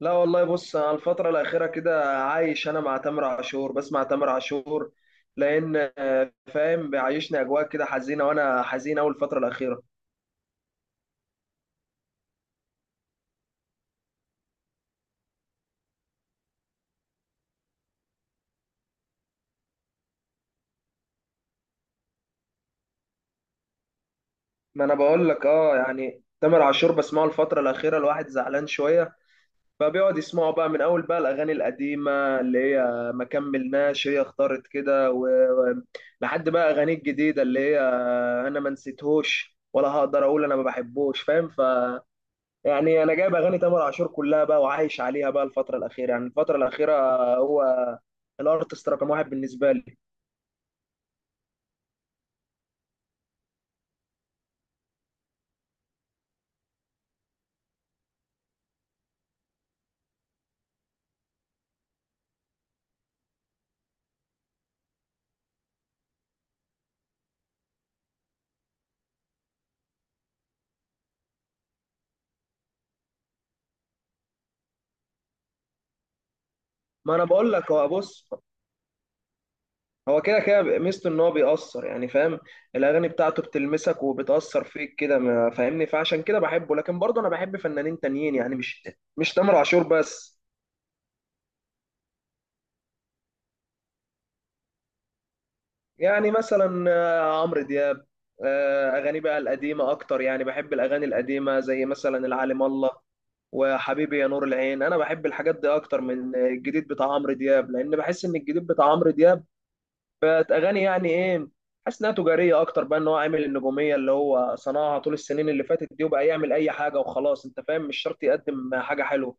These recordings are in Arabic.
لا والله، بص انا الفترة الأخيرة كده عايش، أنا مع تامر عاشور، بسمع تامر عاشور لأن فاهم بيعيشني أجواء كده حزينة، وأنا حزين أوي الفترة الأخيرة. ما أنا بقول لك يعني تامر عاشور بسمعه الفترة الأخيرة، الواحد زعلان شوية، فبيقعد يسمعه بقى من أول بقى الأغاني القديمة اللي هي ما كملناش، هي اختارت كده لحد بقى أغاني الجديدة اللي هي أنا ما نسيتهوش ولا هقدر أقول أنا ما بحبوش، فاهم يعني. انا جايب اغاني تامر عاشور كلها بقى وعايش عليها بقى الفتره الاخيره، يعني الفتره الاخيره، هو الارتست رقم واحد بالنسبه لي. ما انا بقول لك هو، بص، هو كده كده ميزته ان هو بيأثر، يعني فاهم. الاغاني بتاعته بتلمسك وبتأثر فيك كده فاهمني، فعشان كده بحبه، لكن برضه انا بحب فنانين تانيين، يعني مش تامر عاشور بس. يعني مثلا عمرو دياب. اغاني بقى القديمه اكتر، يعني بحب الاغاني القديمه زي مثلا العالم الله، وحبيبي يا نور العين. انا بحب الحاجات دي اكتر من الجديد بتاع عمرو دياب، لان بحس ان الجديد بتاع عمرو دياب بقت اغاني، يعني ايه، حاسس انها تجاريه اكتر بقى، ان هو عامل النجوميه اللي هو صنعها طول السنين اللي فاتت دي، وبقى يعمل اي حاجه وخلاص، انت فاهم، مش شرط يقدم حاجه حلوه.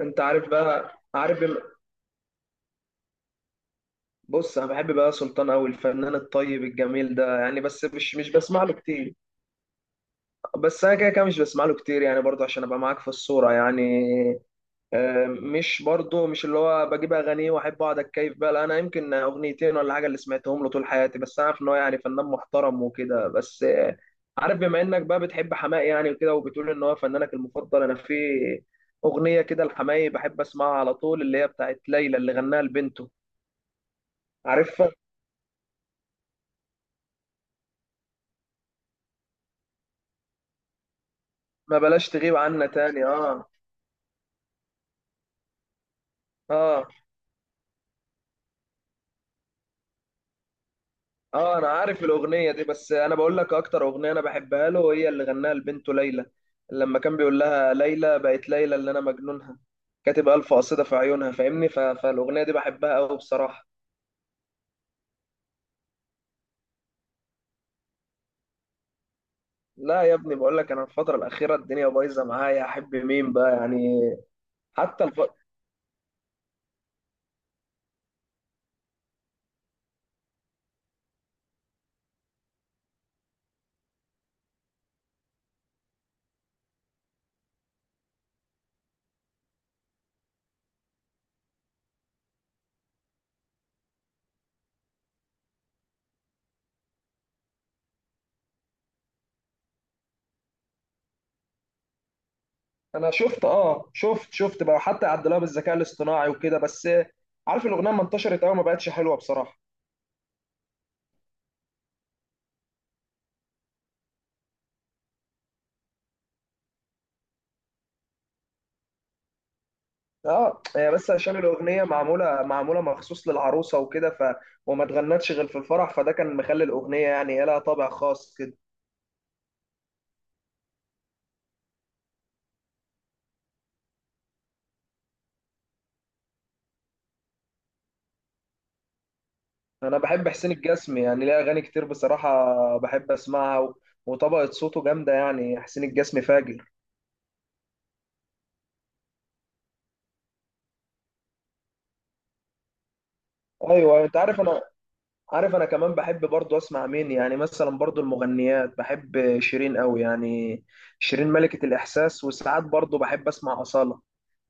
انت عارف بقى، عارف بص، انا بحب بقى سلطان قوي، الفنان الطيب الجميل ده يعني، بس مش بسمع له كتير. بس انا كده كده مش بسمع له كتير يعني، برضه عشان ابقى معاك في الصوره يعني. مش برضه مش اللي هو بجيب اغانيه واحب اقعد اتكيف بقى، لا انا يمكن اغنيتين ولا حاجه اللي سمعتهم له طول حياتي، بس انا عارف ان هو يعني فنان محترم وكده، بس عارف، بما انك بقى بتحب حماقي يعني وكده، وبتقول ان هو فنانك المفضل، انا في اغنيه كده لحماقي بحب اسمعها على طول، اللي هي بتاعت ليلى، اللي غناها لبنته. عارفها. ما بلاش تغيب عنا تاني، اه. اه، اه، انا عارف الاغنيه دي، بس انا بقول لك اكتر اغنيه انا بحبها له هي اللي غناها لبنته ليلى، لما كان بيقول لها ليلى بقت ليلى اللي انا مجنونها، كاتب الف قصيده في عيونها، فاهمني؟ فالاغنيه دي بحبها قوي بصراحه. لا يا ابني، بقول لك انا الفتره الاخيره الدنيا بايظه معايا، احب مين بقى يعني. حتى الف... انا شفت، اه، شفت بقى، حتى عدلوها بالذكاء الاصطناعي وكده، بس عارف الاغنيه ما انتشرت قوي، ما بقتش حلوه بصراحه. اه، هي بس عشان الاغنيه معموله مخصوص للعروسه وكده، وما اتغنتش غير في الفرح، فده كان مخلي الاغنيه يعني لها طابع خاص كده. انا بحب حسين الجسمي، يعني ليه اغاني كتير بصراحه بحب اسمعها، وطبقه صوته جامده، يعني حسين الجسمي فاجر. ايوه، انت عارف انا، عارف انا كمان بحب برضو اسمع مين يعني، مثلا برضو المغنيات، بحب شيرين قوي يعني، شيرين ملكه الاحساس. وساعات برضو بحب اسمع اصاله،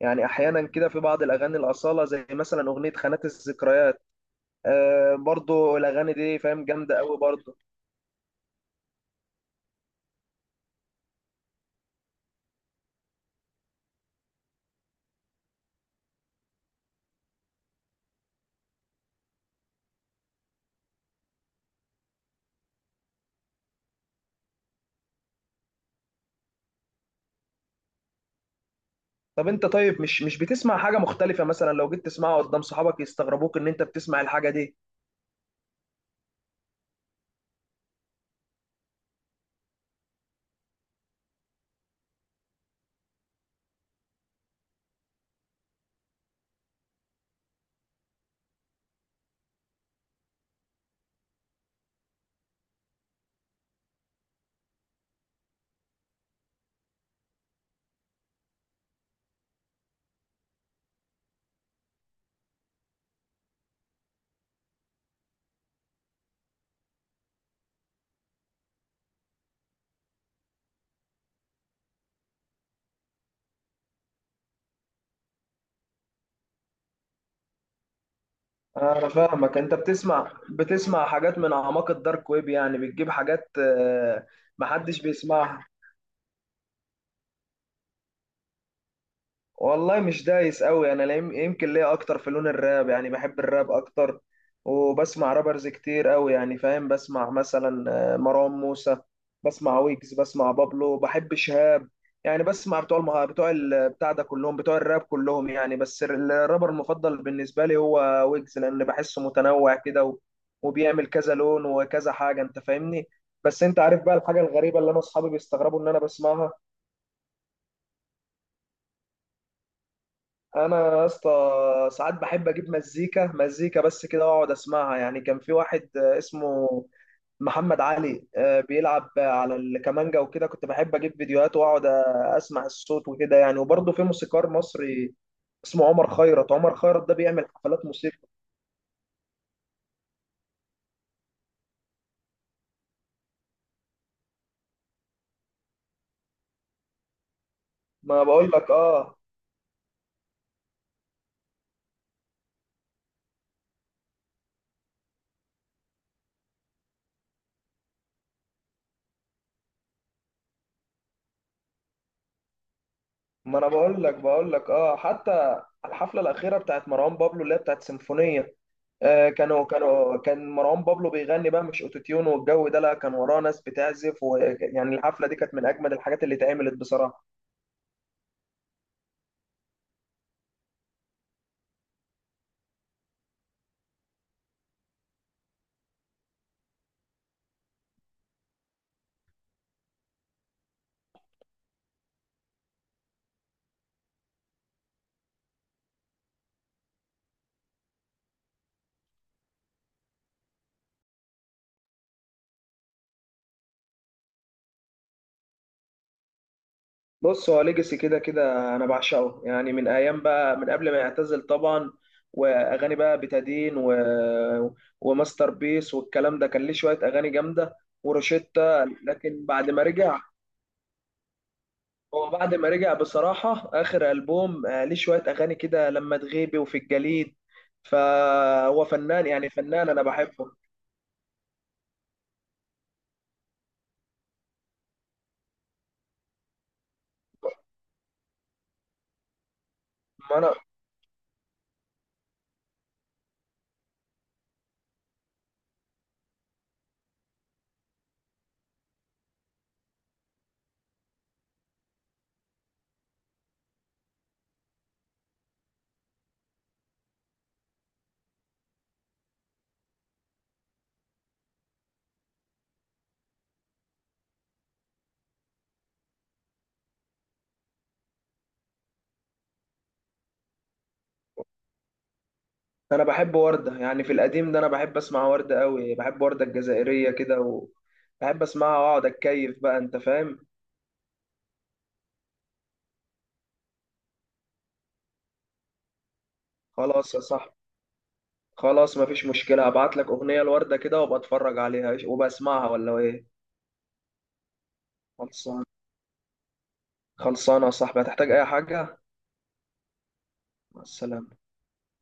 يعني احيانا كده في بعض الاغاني الاصاله، زي مثلا اغنيه خانات الذكريات. برضو الاغاني دي فاهم جامده قوي برضو. طب انت، طيب مش بتسمع حاجه مختلفه، مثلا لو جيت تسمعها قدام صحابك يستغربوك ان انت بتسمع الحاجه دي؟ انا فاهمك، انت بتسمع حاجات من اعماق الدارك ويب، يعني بتجيب حاجات محدش بيسمعها. والله مش دايس قوي انا، يمكن ليا اكتر في لون الراب، يعني بحب الراب اكتر، وبسمع رابرز كتير قوي يعني، فاهم بسمع مثلا مروان موسى، بسمع ويجز، بسمع بابلو، بحب شهاب يعني، بسمع بتوع بتاع ده كلهم بتوع الراب كلهم يعني، بس الرابر المفضل بالنسبة لي هو ويجز، لان بحسه متنوع كده وبيعمل كذا لون وكذا حاجة، انت فاهمني. بس انت عارف بقى الحاجة الغريبة اللي انا اصحابي بيستغربوا ان انا بسمعها؟ انا يا اسطى، ساعات بحب اجيب مزيكا، مزيكا بس كده، واقعد اسمعها يعني. كان في واحد اسمه محمد علي، بيلعب على الكمانجا وكده، كنت بحب اجيب فيديوهات واقعد اسمع الصوت وكده يعني. وبرضه في موسيقار مصري اسمه عمر خيرت، عمر خيرت ده بيعمل حفلات موسيقى. ما بقول لك، اه. ما انا بقول لك، اه، حتى الحفلة الأخيرة بتاعت مروان بابلو اللي هي بتاعت سيمفونية، كان مروان بابلو بيغني بقى مش اوتوتيون والجو ده، لا، كان وراه ناس بتعزف، ويعني الحفله دي كانت من اجمد الحاجات اللي اتعملت بصراحه. بص، هو ليجاسي كده كده انا بعشقه، يعني من ايام بقى، من قبل ما يعتزل طبعا، واغاني بقى بتادين وماستر بيس والكلام ده، كان ليه شويه اغاني جامده وروشيتا. لكن بعد ما رجع، هو بعد ما رجع بصراحة آخر ألبوم ليه شوية أغاني كده لما تغيبي وفي الجليد، فهو فنان يعني، فنان أنا بحبه. ما أنا بحب وردة يعني، في القديم ده أنا بحب أسمع وردة أوي، بحب وردة الجزائرية كده، وبحب أسمعها وأقعد أتكيف بقى، أنت فاهم. خلاص يا صاحبي، خلاص، مفيش مشكلة، هبعت لك أغنية لوردة كده، وأبقى أتفرج عليها وبسمعها، ولا إيه؟ خلصان. خلصانة يا صاحبي، هتحتاج أي حاجة؟ مع السلامة.